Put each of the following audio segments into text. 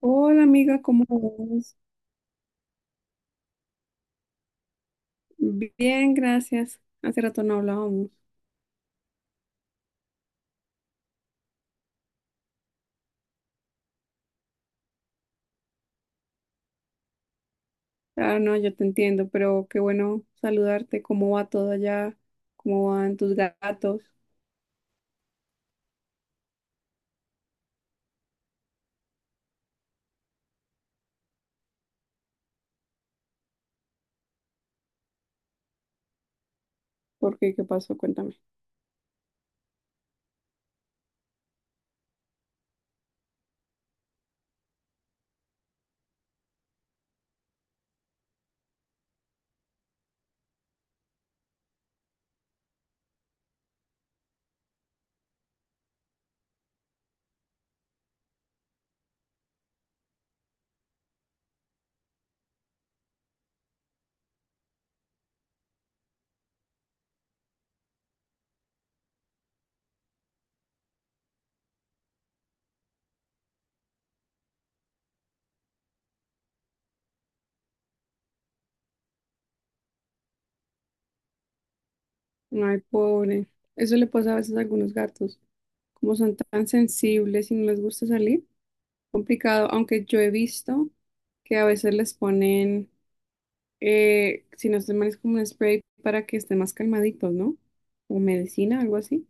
Hola amiga, ¿cómo vas? Bien, gracias. Hace rato no hablábamos. Ah, no, yo te entiendo, pero qué bueno saludarte. ¿Cómo va todo allá? ¿Cómo van tus gatos? ¿Por qué? ¿Qué pasó? Cuéntame. Ay, pobre. Eso le pasa a veces a algunos gatos. Como son tan sensibles y no les gusta salir. Complicado, aunque yo he visto que a veces les ponen, si no estoy mal, es como un spray para que estén más calmaditos, ¿no? O medicina, algo así.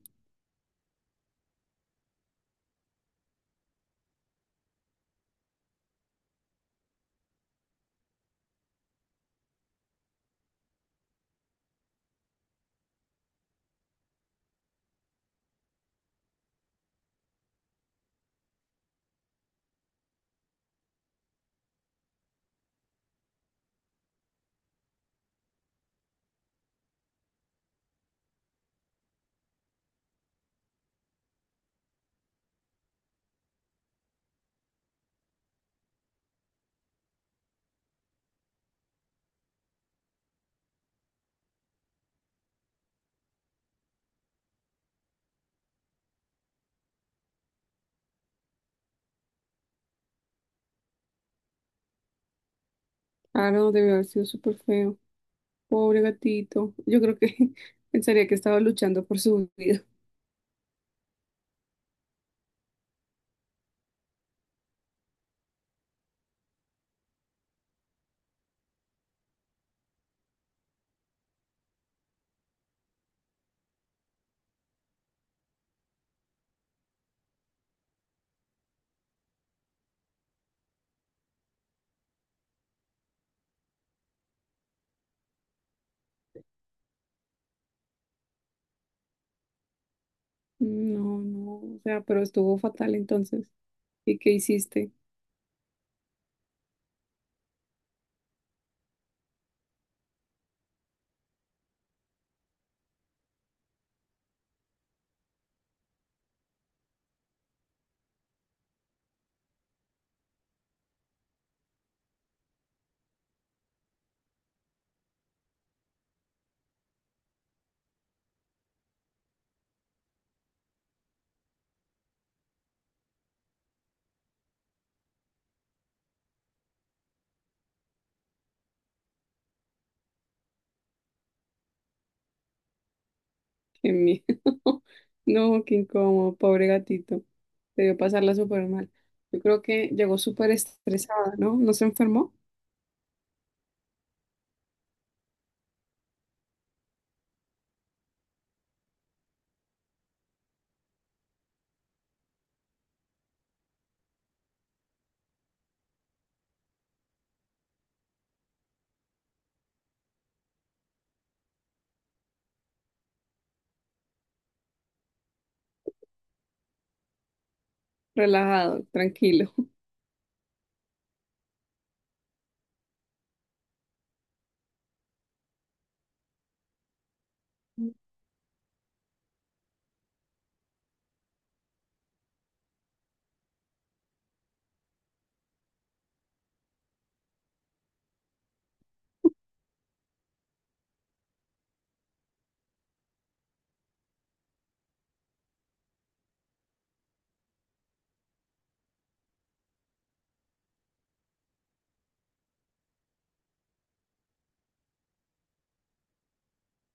Ah no, debe haber sido súper feo. Pobre gatito. Yo creo que pensaría que estaba luchando por su vida. No, no, o sea, pero estuvo fatal entonces. ¿Y qué hiciste? Qué miedo. No, qué incómodo, pobre gatito. Debió pasarla súper mal. Yo creo que llegó súper estresada, ¿no? No se enfermó. Relajado, tranquilo.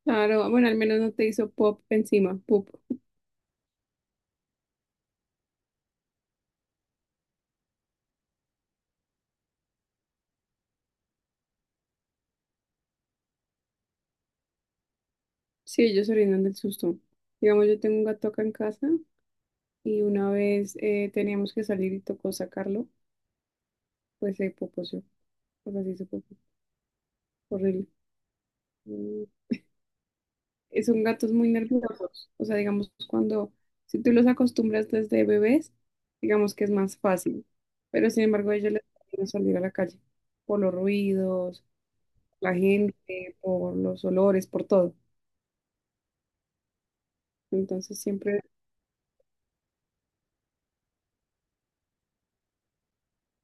Claro, bueno, al menos no te hizo pop encima, pop. Sí, ellos se rindan del susto. Digamos, yo tengo un gato acá en casa y una vez teníamos que salir y tocó sacarlo, pues se poposeó. O sea, sí se popó. Horrible. Mm, son gatos muy nerviosos. O sea, digamos, cuando, si tú los acostumbras desde bebés, digamos que es más fácil. Pero sin embargo, a ellos les da miedo salir a la calle por los ruidos, la gente, por los olores, por todo. Entonces siempre...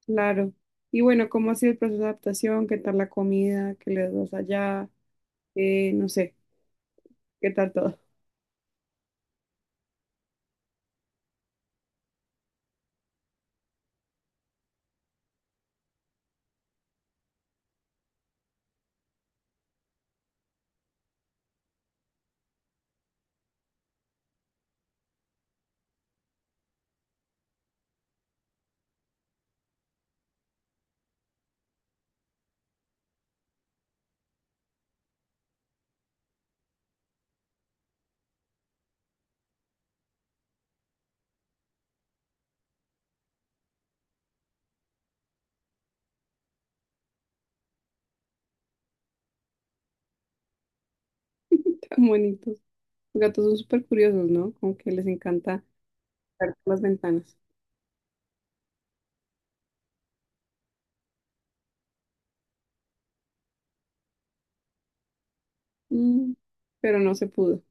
Claro. Y bueno, ¿cómo ha sido el proceso de adaptación? ¿Qué tal la comida? ¿Qué les das allá? No sé, ¿qué tal todo? Tan bonitos. Los gatos son súper curiosos, ¿no? Como que les encanta ver por las ventanas. Mm, pero no se pudo.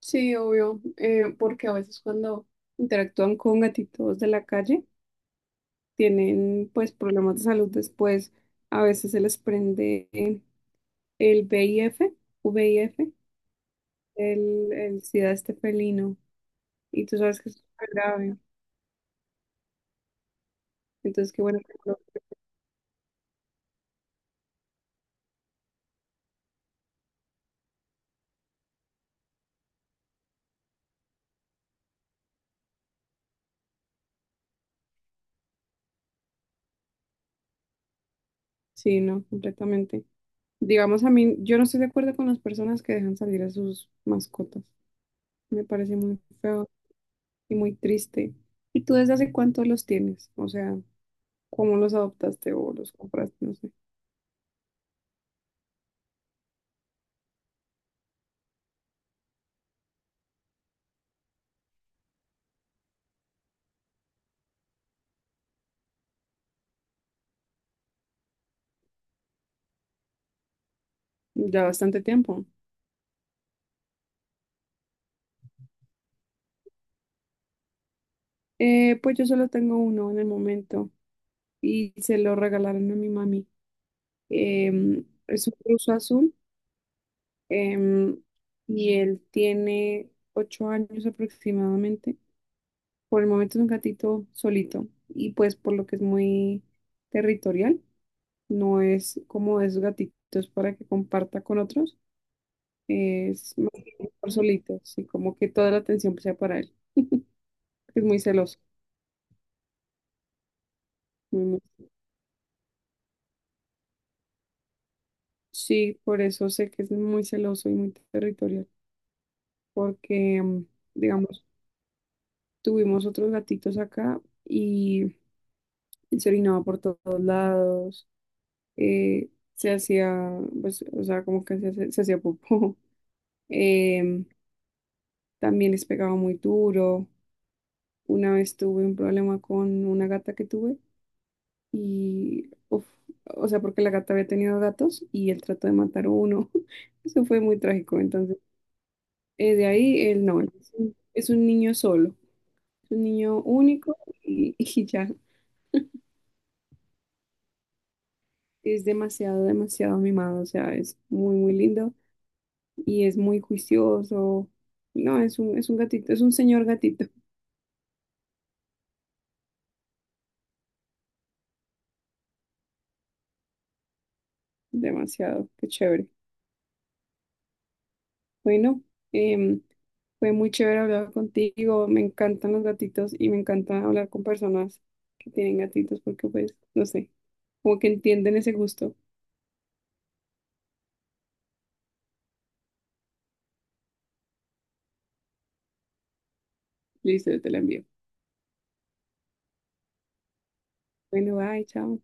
Sí, obvio, porque a veces cuando, interactúan con gatitos de la calle, tienen pues problemas de salud después. A veces se les prende el VIF, VIF, el SIDA este felino. Y tú sabes que es súper grave. Entonces, qué bueno que no... Sí, no, completamente. Digamos, a mí, yo no estoy de acuerdo con las personas que dejan salir a sus mascotas. Me parece muy feo y muy triste. ¿Y tú desde hace cuánto los tienes? O sea, ¿cómo los adoptaste o los compraste? No sé. Ya bastante tiempo. Pues yo solo tengo uno en el momento y se lo regalaron a mi mami. Es un ruso azul, em, y él tiene ocho años aproximadamente. Por el momento es un gatito solito y pues por lo que es muy territorial, no es como esos gatitos para que comparta con otros, es más bien por solito, así como que toda la atención sea para él, porque es muy celoso. muy, muy- Sí, por eso sé que es muy celoso y muy territorial, porque mm, digamos, tuvimos otros gatitos acá y se orinaba por todos lados, se hacía, pues, o sea, como que se, se hacía popó. em, También les pegaba muy duro. Una vez tuve un problema con una gata que tuve y, uf, o sea, porque la gata había tenido gatos y él trató de matar a uno. Eso fue muy trágico. Entonces, de ahí él no, él es un niño solo, es un niño único y, y ya es demasiado, demasiado mimado. O sea, es muy, muy lindo y es muy juicioso. No, es un gatito, es un señor gatito. Demasiado, qué chévere. Bueno, em, fue muy chévere hablar contigo. Me encantan los gatitos y me encanta hablar con personas que tienen gatitos porque, pues, no sé, como que entienden ese gusto. Listo, yo te lo envío. Bueno, bye, chao.